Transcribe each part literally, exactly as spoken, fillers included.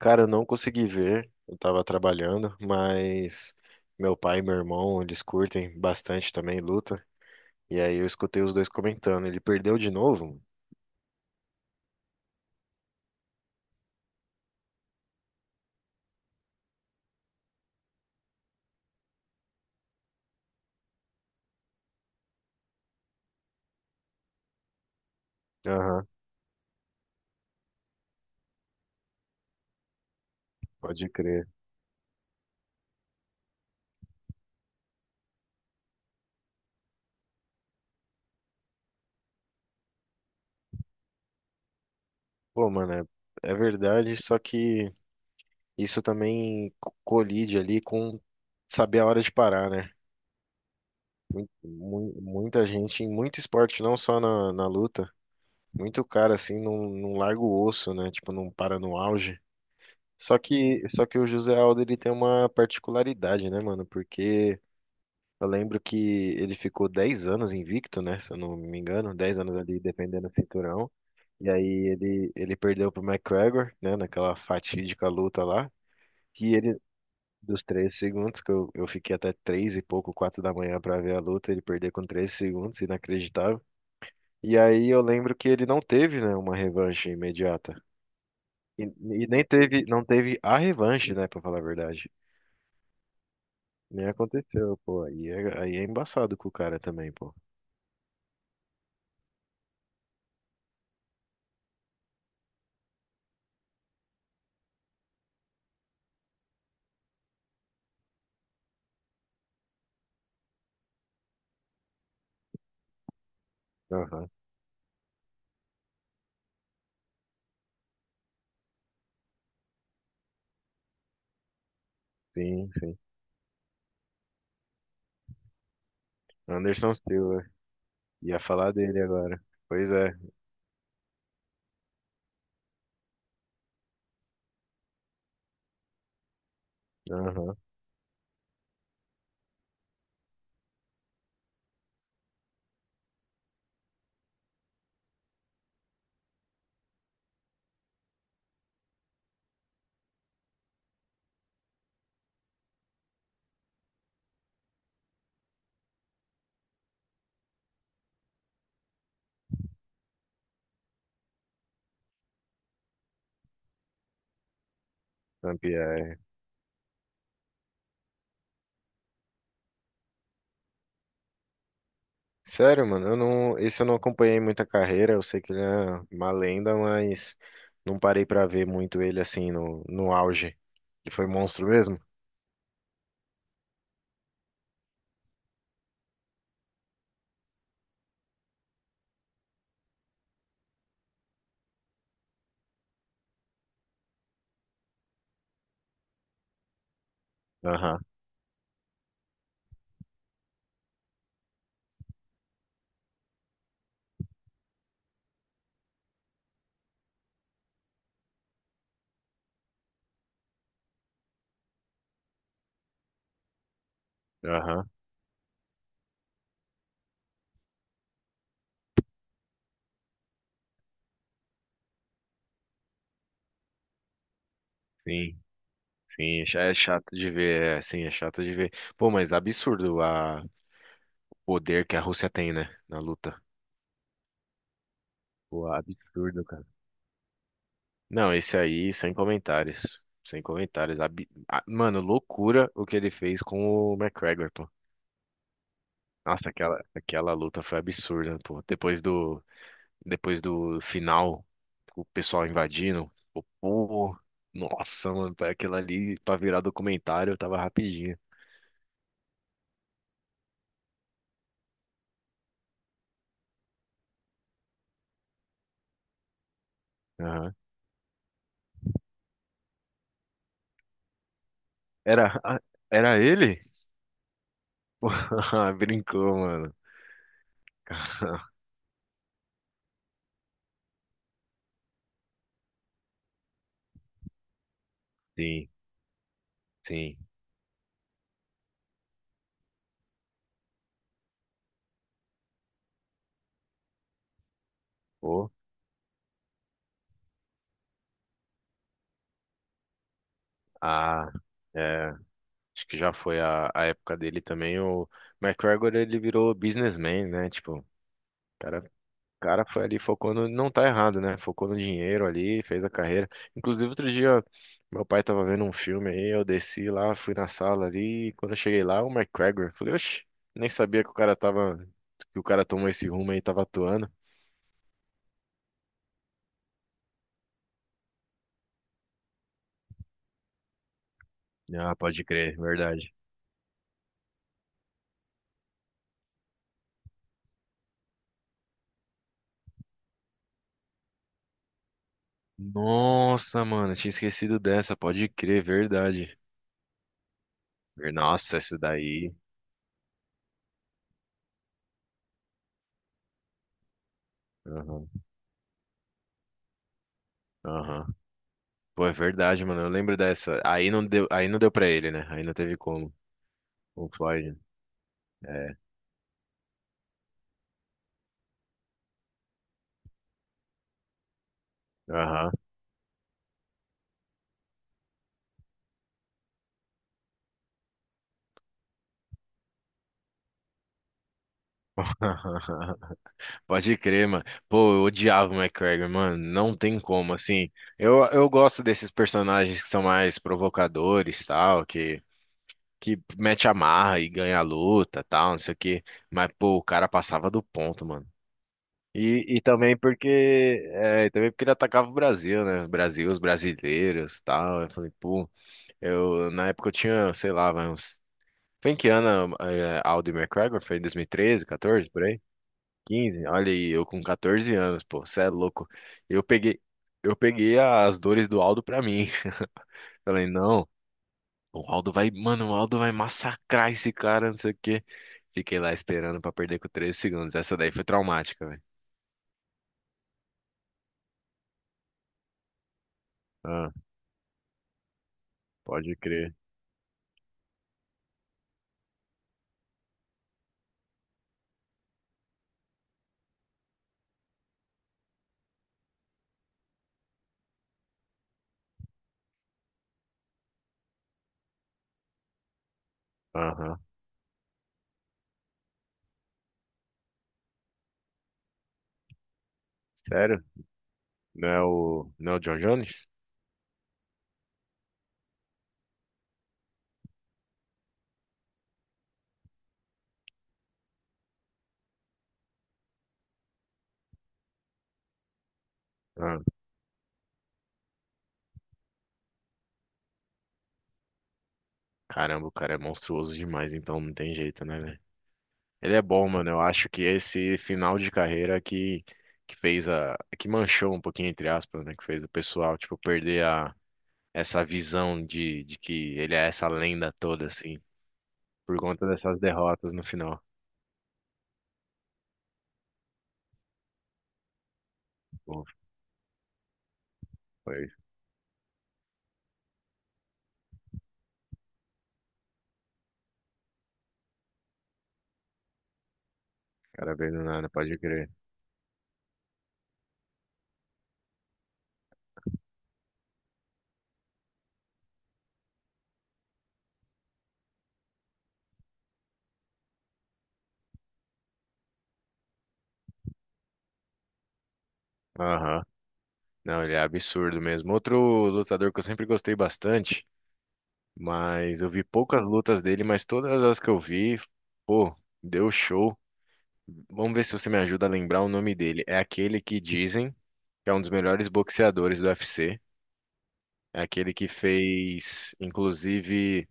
Cara, eu não consegui ver, eu tava trabalhando, mas meu pai e meu irmão, eles curtem bastante também luta. E aí eu escutei os dois comentando, ele perdeu de novo? Aham, pode crer. Pô, mano, é, é verdade, só que isso também co- colide ali com saber a hora de parar, né? Mu- Muita gente, em muito esporte, não só na, na luta, muito cara assim não, não larga o osso, né? Tipo, não para no auge. Só que, só que o José Aldo ele tem uma particularidade, né, mano? Porque eu lembro que ele ficou dez anos invicto, né? Se eu não me engano, dez anos ali defendendo o cinturão. E aí ele, ele perdeu pro McGregor, né? Naquela fatídica luta lá. E ele, dos treze segundos, que eu, eu fiquei até três e pouco, quatro da manhã pra ver a luta, ele perdeu com treze segundos, inacreditável. E aí eu lembro que ele não teve, né, uma revanche imediata. E, e nem teve, não teve a revanche, né, pra falar a verdade. Nem aconteceu, pô. Aí é, aí é embaçado com o cara também, pô. Aham, sim, sim. Anderson Silva. Ia falar dele agora. Pois é. Aham, Sampaio. Sério, mano, eu não, esse eu não acompanhei muita carreira. Eu sei que ele é uma lenda, mas não parei pra ver muito ele assim no, no auge. Ele foi monstro mesmo? Aham, aham, sim, sim, já é chato de ver, é, sim, é chato de ver. Pô, mas absurdo a- o poder que a Rússia tem, né, na luta. Pô, absurdo. Não, esse aí, sem comentários. Sem comentários. Ab- a- Mano, loucura o que ele fez com o McGregor, pô. Nossa, aquela, aquela luta foi absurda, pô. Depois do, depois do final, o pessoal invadindo. Pô, pô. Nossa, mano, pra aquilo ali, pra virar documentário, tava rapidinho. Aham. Era, ah, era ele? Pô, brincou, mano. Sim, sim. Pô, ah, é. Acho que já foi a, a época dele também. O McGregor, ele virou businessman, né? Tipo, o cara, o cara foi ali, focou no. Não tá errado, né? Focou no dinheiro ali, fez a carreira. Inclusive, outro dia, meu pai tava vendo um filme aí, eu desci lá, fui na sala ali, e quando eu cheguei lá, o McGregor, falei, oxe, nem sabia que o cara tava. Que o cara tomou esse rumo aí, tava atuando. Ah, pode crer, verdade. Nossa, mano, eu tinha esquecido dessa, pode crer, verdade. Nossa, essa daí. Aham, aham. Pô, é verdade, mano. Eu lembro dessa. Aí não deu, aí não deu pra ele, né? Aí não teve como. O Floyd. É. Aham. Pode crer, mano. Pô, eu odiava o McGregor, mano. Não tem como, assim. Eu, eu gosto desses personagens que são mais provocadores, tal, que, que mete a marra e ganha a luta, tal, não sei o quê. Mas, pô, o cara passava do ponto, mano. E, e também porque é, e também porque ele atacava o Brasil, né? O Brasil, os brasileiros, tal. Eu falei, pô, Eu, na época eu tinha, sei lá, vai uns. Foi em que ano é, Aldo e McGregor? Foi em dois mil e treze, quatorze, por aí? quinze? Olha aí, eu com quatorze anos, pô, cê é louco. Eu peguei, eu peguei as dores do Aldo pra mim. Falei, não, o Aldo vai, mano, o Aldo vai massacrar esse cara, não sei o quê. Fiquei lá esperando pra perder com treze segundos. Essa daí foi traumática, velho. Ah, pode crer. Aham. Sério? Não é o, não é o John Jones? Ah, caramba, o cara é monstruoso demais, então não tem jeito, né, velho? Ele é bom, mano. Eu acho que esse final de carreira que, que fez a. que manchou um pouquinho, entre aspas, né? Que fez o pessoal, tipo, perder a, essa visão de, de que ele é essa lenda toda, assim, por conta dessas derrotas no final. Pô, foi. O cara veio do nada, pode crer. Aham. Não, ele é absurdo mesmo. Outro lutador que eu sempre gostei bastante, mas eu vi poucas lutas dele, mas todas as que eu vi, pô, deu show. Vamos ver se você me ajuda a lembrar o nome dele. É aquele que dizem que é um dos melhores boxeadores do U F C. É aquele que fez, inclusive,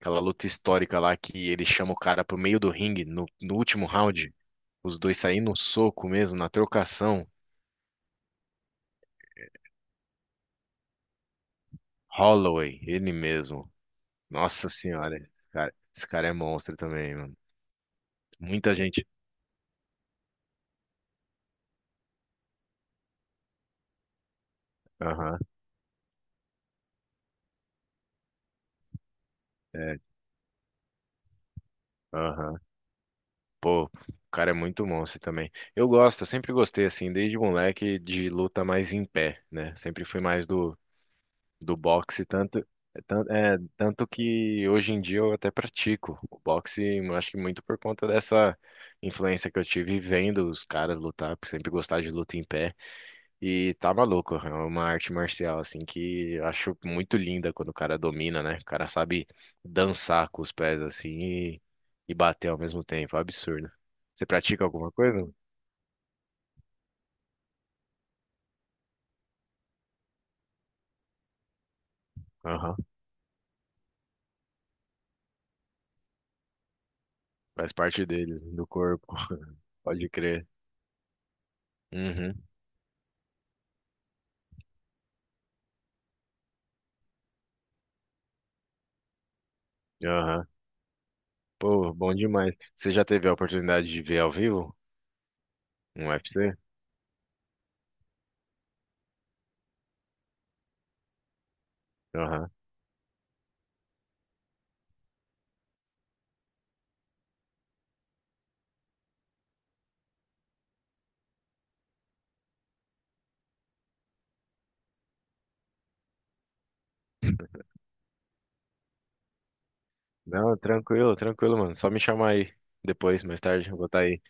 aquela luta histórica lá que ele chama o cara pro meio do ringue no, no último round. Os dois saem no soco mesmo, na trocação. Holloway, ele mesmo. Nossa senhora, cara, esse cara é monstro também, mano. Muita gente. Aham, é, aham. Pô, o cara é muito monstro também. Eu gosto, eu sempre gostei, assim, desde moleque, de luta mais em pé, né? Sempre fui mais do do boxe, tanto, é, tan- é, tanto que hoje em dia eu até pratico o boxe, eu acho que muito por conta dessa influência que eu tive vendo os caras lutar, por sempre gostar de luta em pé, e tá maluco, é uma arte marcial, assim, que eu acho muito linda quando o cara domina, né? O cara sabe dançar com os pés, assim, e, e bater ao mesmo tempo, é um absurdo. Você pratica alguma coisa? Aham, faz parte dele, do corpo, pode crer. Uhum. Aham. Pô, bom demais. Você já teve a oportunidade de ver ao vivo um U F C? Aham. Não, tranquilo, tranquilo, mano. Só me chamar aí depois, mais tarde, eu vou estar aí.